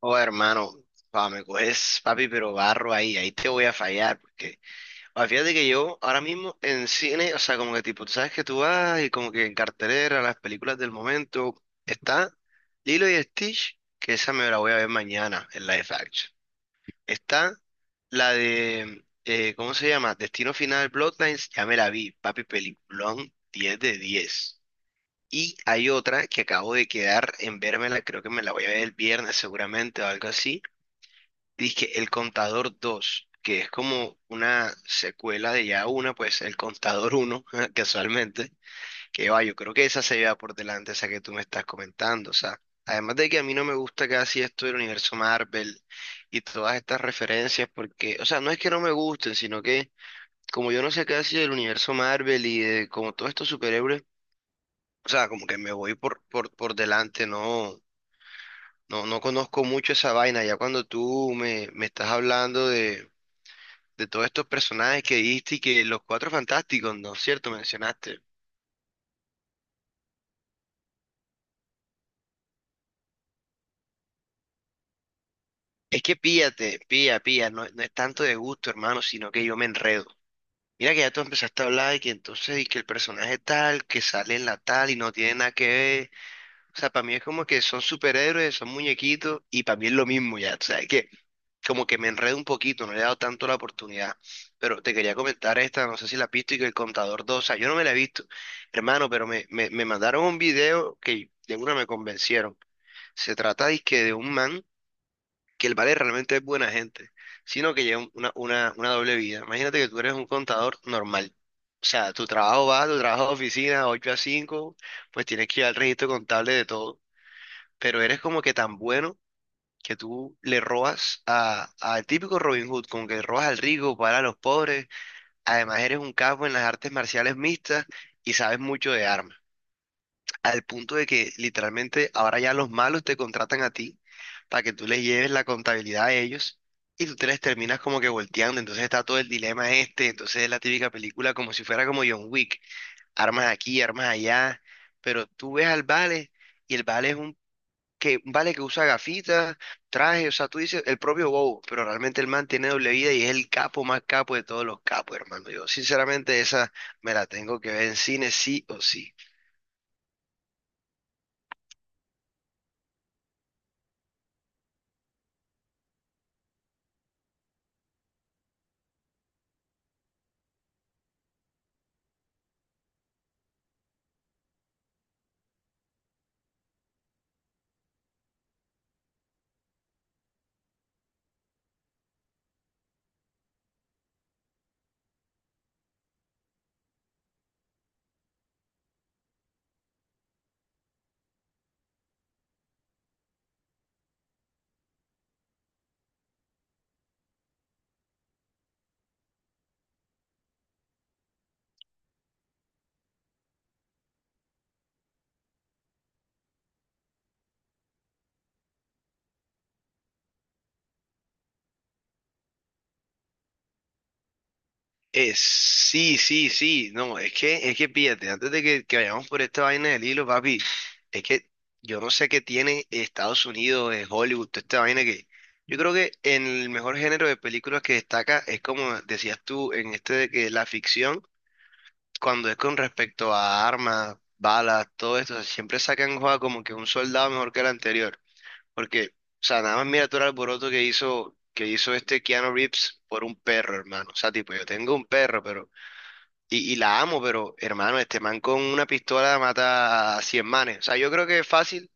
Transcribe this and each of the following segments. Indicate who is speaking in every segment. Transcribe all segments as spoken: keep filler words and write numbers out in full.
Speaker 1: Oh, hermano, pa, me coges, papi, pero barro ahí, ahí te voy a fallar, porque, pa, fíjate que yo ahora mismo en cine, o sea, como que tipo, tú sabes que tú vas y como que en cartelera, las películas del momento, está Lilo y Stitch, que esa me la voy a ver mañana en live action. Está la de, eh, ¿cómo se llama? Destino Final Bloodlines, ya me la vi, papi, peliculón diez de diez. Y hay otra que acabo de quedar en vérmela, creo que me la voy a ver el viernes seguramente o algo así. Dije, El Contador dos que es como una secuela de ya una, pues El Contador uno casualmente, que va, yo creo que esa se lleva por delante, esa que tú me estás comentando, o sea, además de que a mí no me gusta casi esto del universo Marvel y todas estas referencias, porque, o sea, no es que no me gusten, sino que como yo no sé casi del universo Marvel y de como todos estos superhéroes, o sea, como que me voy por, por, por delante, no, no, no conozco mucho esa vaina, ya cuando tú me, me estás hablando de de todos estos personajes que diste y que los cuatro fantásticos, ¿no es cierto? Mencionaste. Es que píllate, pilla, pilla, no, no es tanto de gusto, hermano, sino que yo me enredo. Mira que ya tú empezaste a hablar y que entonces y que el personaje tal, que sale en la tal y no tiene nada que ver. O sea, para mí es como que son superhéroes, son muñequitos y para mí es lo mismo ya. O sea, que como que me enredo un poquito, no le he dado tanto la oportunidad. Pero te quería comentar esta, no sé si la has visto, y que el Contador dos o sea, yo no me la he visto, hermano, pero me, me, me mandaron un video que de una me convencieron. Se trata dizque de un man que el vale realmente es buena gente, sino que lleva una, una, una doble vida. Imagínate que tú eres un contador normal. O sea, tu trabajo va, tu trabajo de oficina, ocho a cinco pues tienes que ir al registro contable de todo. Pero eres como que tan bueno que tú le robas a, al típico Robin Hood, como que le robas al rico para a los pobres. Además, eres un capo en las artes marciales mixtas y sabes mucho de armas. Al punto de que literalmente ahora ya los malos te contratan a ti para que tú les lleves la contabilidad a ellos y tú te les terminas como que volteando. Entonces está todo el dilema este. Entonces es la típica película como si fuera como John Wick. Armas aquí, armas allá. Pero tú ves al Vale y el Vale es un que vale que usa gafitas, traje, o sea, tú dices el propio Bow, pero realmente el man tiene doble vida y es el capo más capo de todos los capos, hermano. Yo sinceramente esa me la tengo que ver en cine sí o sí. Es sí, sí, sí, no, es que, es que pídate, antes de que, que vayamos por esta vaina del hilo, papi, es que yo no sé qué tiene Estados Unidos, eh, Hollywood, toda esta vaina que... Yo creo que en el mejor género de películas que destaca es como decías tú en este de que la ficción cuando es con respecto a armas, balas, todo esto, o sea, siempre sacan juega como que un soldado mejor que el anterior. Porque, o sea, nada más mira todo el alboroto que hizo, que hizo este Keanu Reeves por un perro, hermano. O sea, tipo, yo tengo un perro, pero, y, y la amo, pero, hermano, este man con una pistola mata a cien manes. O sea, yo creo que es fácil.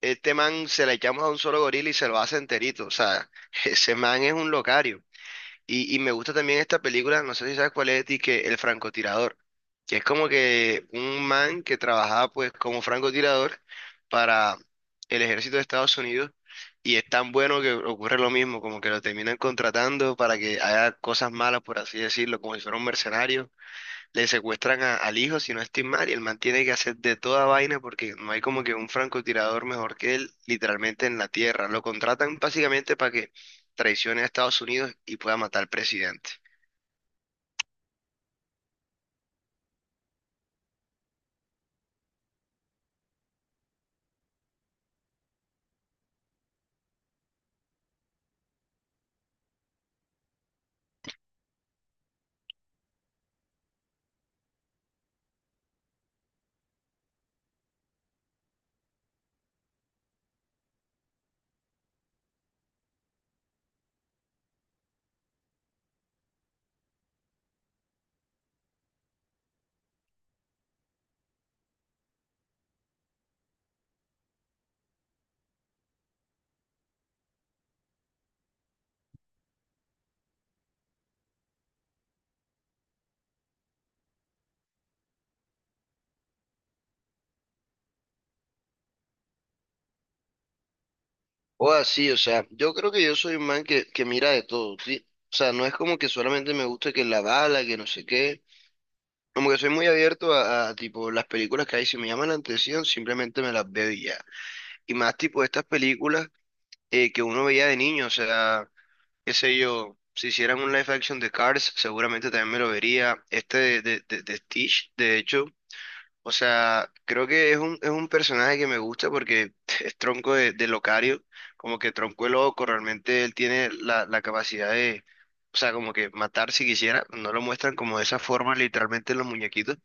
Speaker 1: Este man se la echamos a un solo gorila y se lo hace enterito. O sea, ese man es un locario. Y, y me gusta también esta película, no sé si sabes cuál es, y que El francotirador, que es como que un man que trabajaba pues como francotirador para el ejército de Estados Unidos y es tan bueno que ocurre lo mismo, como que lo terminan contratando para que haga cosas malas, por así decirlo, como si fuera un mercenario le secuestran a- al hijo, si no estoy mal, y el man tiene que hacer de toda vaina porque no hay como que un francotirador mejor que él, literalmente en la tierra. Lo contratan básicamente para que traicione a Estados Unidos y pueda matar al presidente. O así, o sea, yo creo que yo soy un man que, que mira de todo, ¿sí? O sea, no es como que solamente me gusta que la bala, que no sé qué. Como que soy muy abierto a, a, tipo las películas que hay, si me llaman la atención, simplemente me las veo y ya. Y más tipo estas películas eh, que uno veía de niño, o sea, qué sé yo, si hicieran un live action de Cars, seguramente también me lo vería. Este de, de, de, de Stitch, de hecho, o sea, creo que es un, es un personaje que me gusta porque es tronco de, de locario, como que tronco de loco, realmente él tiene la, la capacidad de, o sea, como que matar si quisiera, no lo muestran como de esa forma literalmente en los muñequitos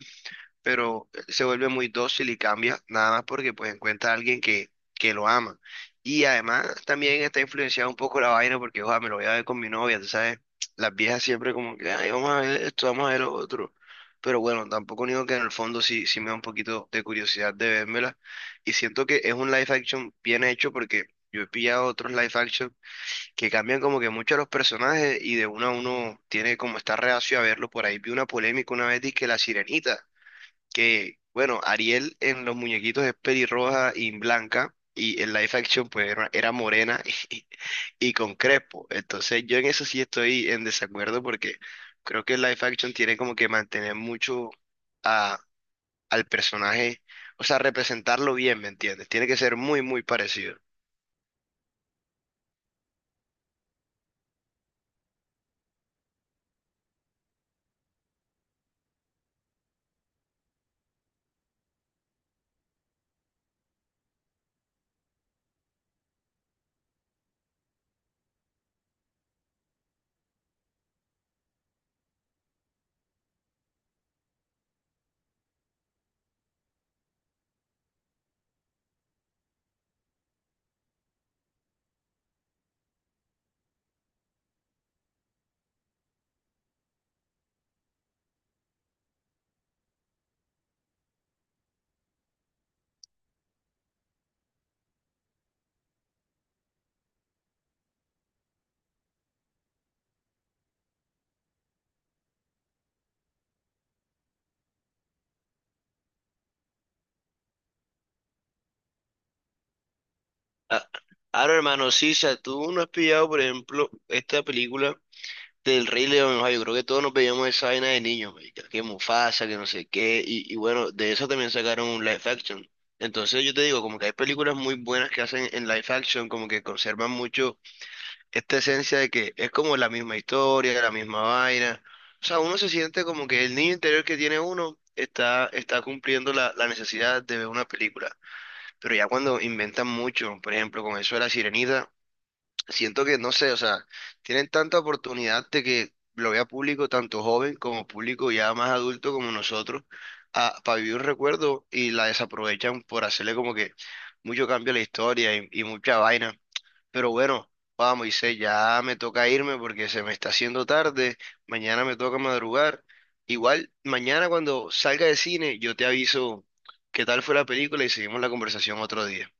Speaker 1: pero se vuelve muy dócil y cambia, nada más porque pues encuentra a alguien que, que lo ama. Y además también está influenciado un poco la vaina porque, ojalá, me lo voy a ver con mi novia, tú sabes, las viejas siempre como que, ay, vamos a ver esto, vamos a ver lo otro. Pero bueno, tampoco digo que en el fondo sí, sí me da un poquito de curiosidad de vérmela. Y siento que es un live action bien hecho porque yo he pillado otros live action que cambian como que mucho a los personajes y de uno a uno tiene como esta reacio a verlo. Por ahí vi una polémica una vez, que la sirenita que, bueno, Ariel en los muñequitos es pelirroja y blanca, y en live action pues era, era morena y, y con crespo. Entonces yo en eso sí estoy en desacuerdo porque creo que el live action tiene como que mantener mucho a, al personaje, o sea, representarlo bien, ¿me entiendes? Tiene que ser muy, muy parecido. Ah, ahora, hermano, sí, o sea, tú no has pillado, por ejemplo, esta película del Rey León, o sea, yo creo que todos nos veíamos esa vaina de niños, marica, que Mufasa, que no sé qué, y, y bueno, de eso también sacaron un live action. Entonces yo te digo, como que hay películas muy buenas que hacen en live action, como que conservan mucho esta esencia de que es como la misma historia, la misma vaina. O sea, uno se siente como que el niño interior que tiene uno está, está cumpliendo la, la necesidad de ver una película. Pero ya cuando inventan mucho, por ejemplo, con eso de la Sirenita siento que, no sé, o sea, tienen tanta oportunidad de que lo vea público, tanto joven como público ya más adulto como nosotros, para vivir un recuerdo y la desaprovechan por hacerle como que mucho cambio a la historia y, y mucha vaina. Pero bueno, vamos, Moisés, ya me toca irme porque se me está haciendo tarde, mañana me toca madrugar. Igual, mañana cuando salga de cine, yo te aviso qué tal fue la película y seguimos la conversación otro día.